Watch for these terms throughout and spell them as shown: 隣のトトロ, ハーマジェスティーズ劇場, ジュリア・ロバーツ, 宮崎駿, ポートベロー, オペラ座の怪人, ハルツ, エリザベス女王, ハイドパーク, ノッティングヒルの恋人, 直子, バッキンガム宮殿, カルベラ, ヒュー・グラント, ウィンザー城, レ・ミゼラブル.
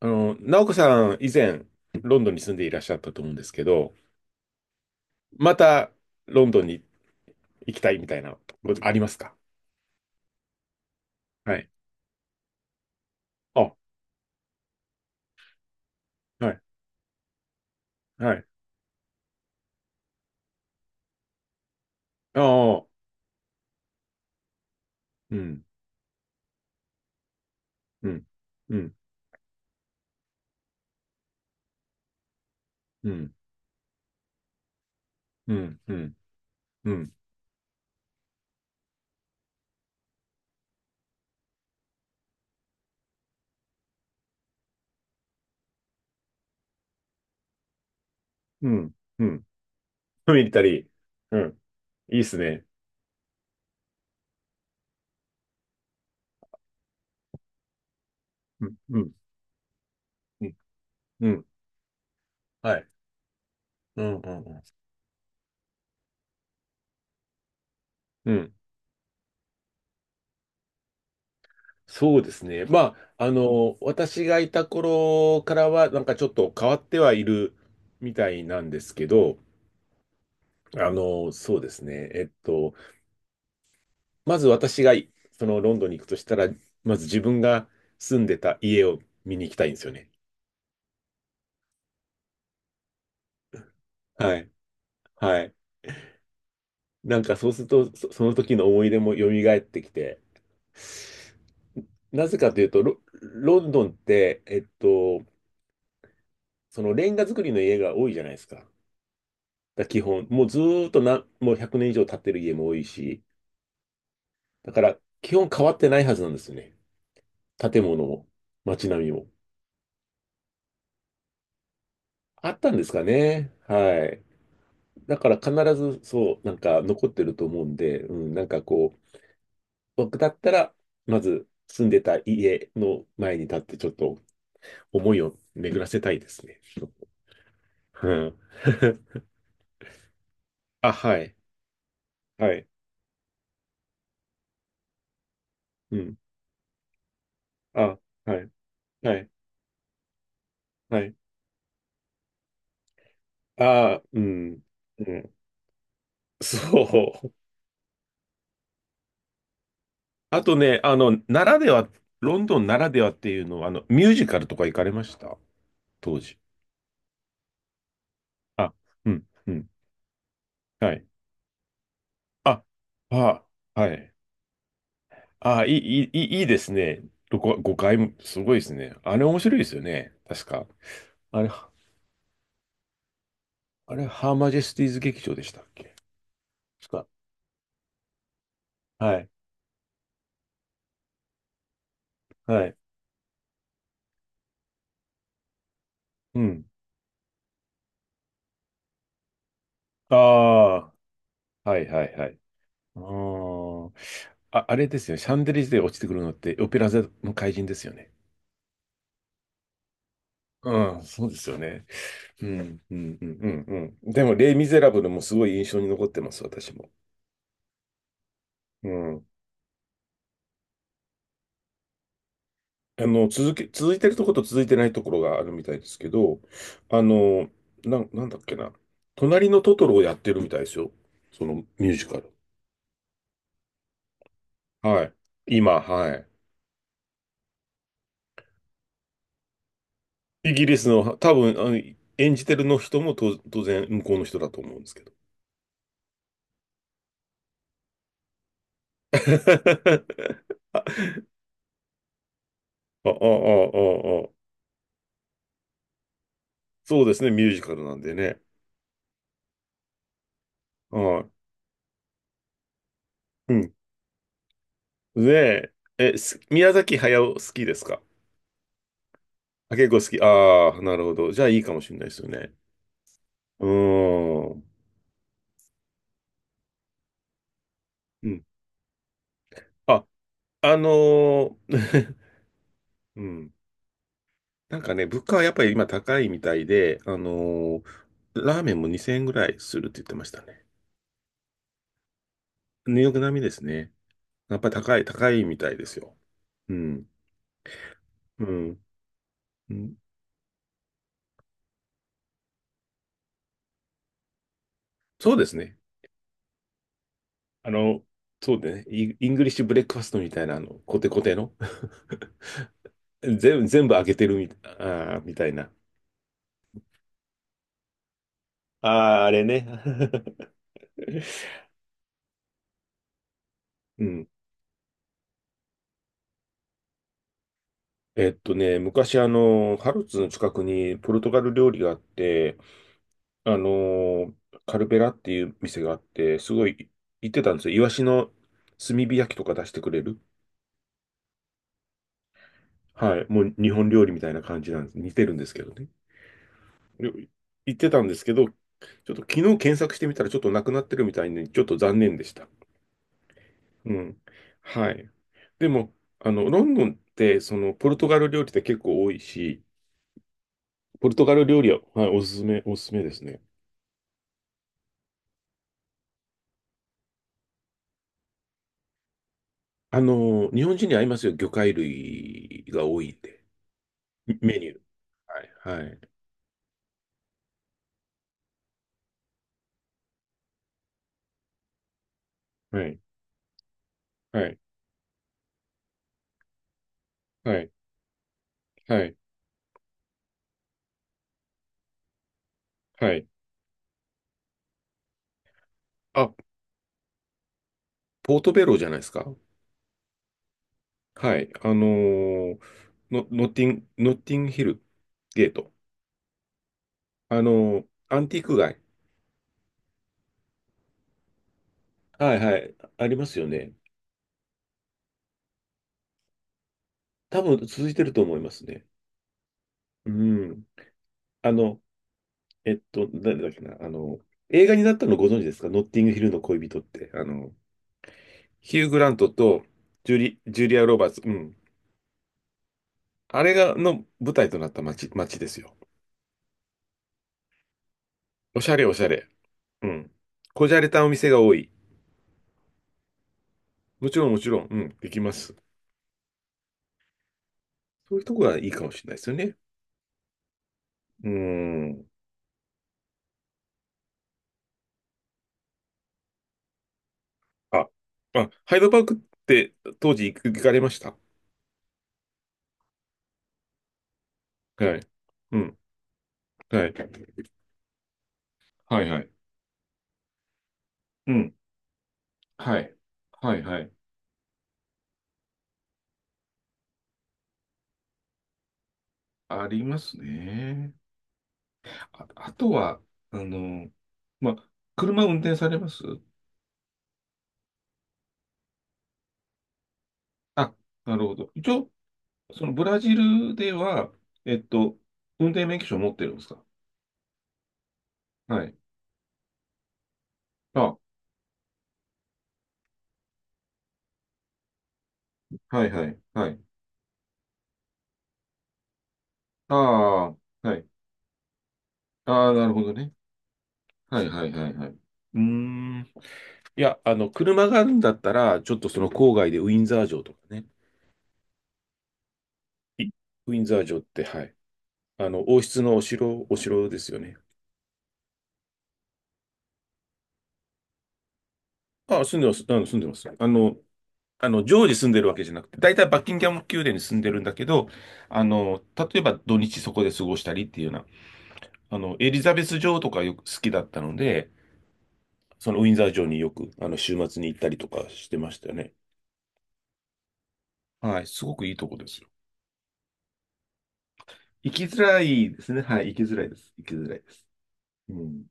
直子さん、以前、ロンドンに住んでいらっしゃったと思うんですけど、また、ロンドンに行きたいみたいな、ことありますか？はい。あ、はい、はい。ああ、うん、うん、うん、うん、うん、うん、うん、うん、うん。ミリタリー。うん。いいっすね。うん、うん、うん、うん。はい。うん、うん、うん。うん、そうですね。まあ、私がいた頃からは、なんかちょっと変わってはいるみたいなんですけど、そうですね。まず私がいそのロンドンに行くとしたら、まず自分が住んでた家を見に行きたいんですよね。はい。はい。なんかそうすると、その時の思い出も蘇ってきて、なぜかというと、ロンドンって、そのレンガ造りの家が多いじゃないですか。だから基本、もうずーっとな、もう100年以上経ってる家も多いし、だから基本変わってないはずなんですよね。建物も、街並みも。あったんですかね。はい。だから必ずそう、なんか残ってると思うんで、うん、なんかこう、僕だったら、まず住んでた家の前に立ってちょっと思いを巡らせたいですね。うん。あ、はい。はい。うん。あ、はい。はい。はい。あ、うん。うん。そう。あとね、ならでは、ロンドンならではっていうのは、ミュージカルとか行かれました？当時。あ、うん、うん。はい。あ、あ、はい。ああ、いい、いい、いいですね。5、5回も、すごいですね。あれ面白いですよね。確か。あれ、あれ、ハーマジェスティーズ劇場でしたっけ？確か。はい。はい。うん。ああ、はいはいはい。あー、あ、あれですよね。シャンデリアで落ちてくるのって、オペラ座の怪人ですよね。うん、そうですよね。うん、うん、うん、うん。うん、でも、レイ・ミゼラブルもすごい印象に残ってます、私も。うん、続いてるところと続いてないところがあるみたいですけど、あの、なんだっけな。隣のトトロをやってるみたいですよ。そのミュージカル。はい。今、はい。イギリスの、多分、演じてるの人もと当然向こうの人だと思うんですけど。あ、あ、あ、あ、ああ、そうですね、ミュージカルなんでね。はい。うん。で、宮崎駿好きですか？あ、結構好き。ああ、なるほど。じゃあいいかもしれないですよね。うーん。うん。あ、あのー、 うん。なんかね、物価はやっぱり今高いみたいで、あのーラーメンも2000円ぐらいするって言ってましたね。ニューヨーク並みですね。やっぱり高い、高いみたいですよ。うん。うん。うん、そうですね。あの、そうでね、イイングリッシュブレックファストみたいな、コテコテの 全部、全部開けてるみたい、あーみたいな。ああ、あれね。うん。昔あの、ハルツの近くにポルトガル料理があって、あの、カルベラっていう店があって、すごい行ってたんですよ。イワシの炭火焼きとか出してくれる。はい。もう日本料理みたいな感じなんです。似てるんですけどね。で行ってたんですけど、ちょっと昨日検索してみたらちょっとなくなってるみたいに、ちょっと残念でした。うん。はい。でも、ロンドンって、その、ポルトガル料理って結構多いし、ポルトガル料理は、はい、おすすめ、おすすめですね。日本人に合いますよ。魚介類が多いんで。メニュー。はい。はい。はい。はい。はい。はい。あ、ポートベローじゃないですか。はい。あのーの、ノッティンヒルゲート。あのーアンティーク街。はいはい。ありますよね。多分続いてると思いますね。うん。あの、誰だっけな。映画になったのご存知ですか？ノッティングヒルの恋人って。あの、ヒュー・グラントとジュリア・ロバーツ。うん。あれが、の舞台となった街、街ですよ。おしゃれおしゃれ。うん。こじゃれたお店が多い。もちろんもちろん、うん、できます。そういうとこがいいかもしれないですよね。うーん。あ、あ、ハイドパークって当時行かれました？はい。うん。はい。はいはい。うん。はい。はいはい。ありますね。あ、あとは、あの、ま、車運転されます？あ、なるほど。一応、そのブラジルでは、えっと、運転免許証を持ってるんですか？はい。あ、はいはい、はい。ああ、はい。ああ、なるほどね。はいはいはいはい。うーん。いや、車があるんだったら、ちょっとその郊外でウィンザー城とかね。いウィンザー城って、はい。王室のお城、お城ですよね。ああ、住んでます。あの、住んでます。あの、常時住んでるわけじゃなくて、大体バッキンガム宮殿に住んでるんだけど、例えば土日そこで過ごしたりっていうような、エリザベス女王とかよく好きだったので、そのウィンザー城によく、週末に行ったりとかしてましたよね。はい、すごくいいとこですよ。行きづらいですね。はい、行きづらいです。行きづらいです。うん。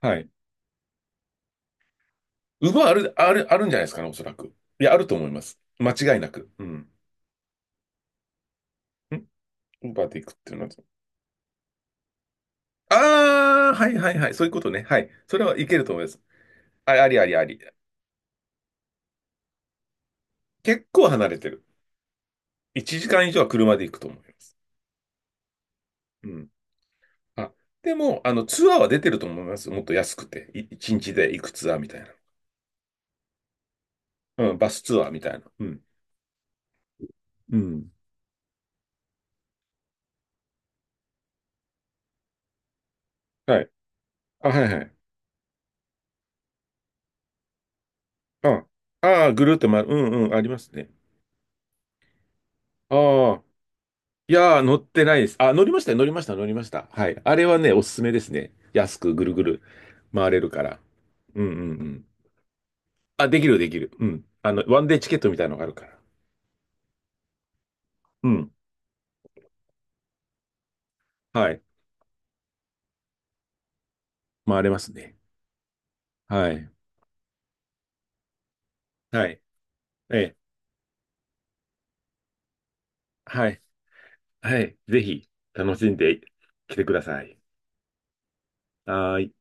はい。ウバある、ある、あるんじゃないですかね、おそらく。いや、あると思います。間違いなく。うん。ん、ウバで行くっていうのは。ああ、はいはいはい。そういうことね。はい。それはいけると思います。ありありありあり。結構離れてる。1時間以上は車で行くと思います。うん。あ、でも、ツアーは出てると思います。もっと安くて。一日で行くツアーみたいな。うん、バスツアーみたいな。うん。うん。はい。あ、はいはい。あ、ああ、ぐるっと回る。うんうん、ありますね。ああ。いやー、乗ってないです。あ、乗りましたよ、乗りました、乗りました。はい。あれはね、おすすめですね。安くぐるぐる回れるから。うんうんうん。あ、できる、できる。うん。ワンデーチケットみたいなのがあるから。うん。はい。回れますね。はい。はい。ええ。はい。はい。ぜひ、楽しんできてください。はーい。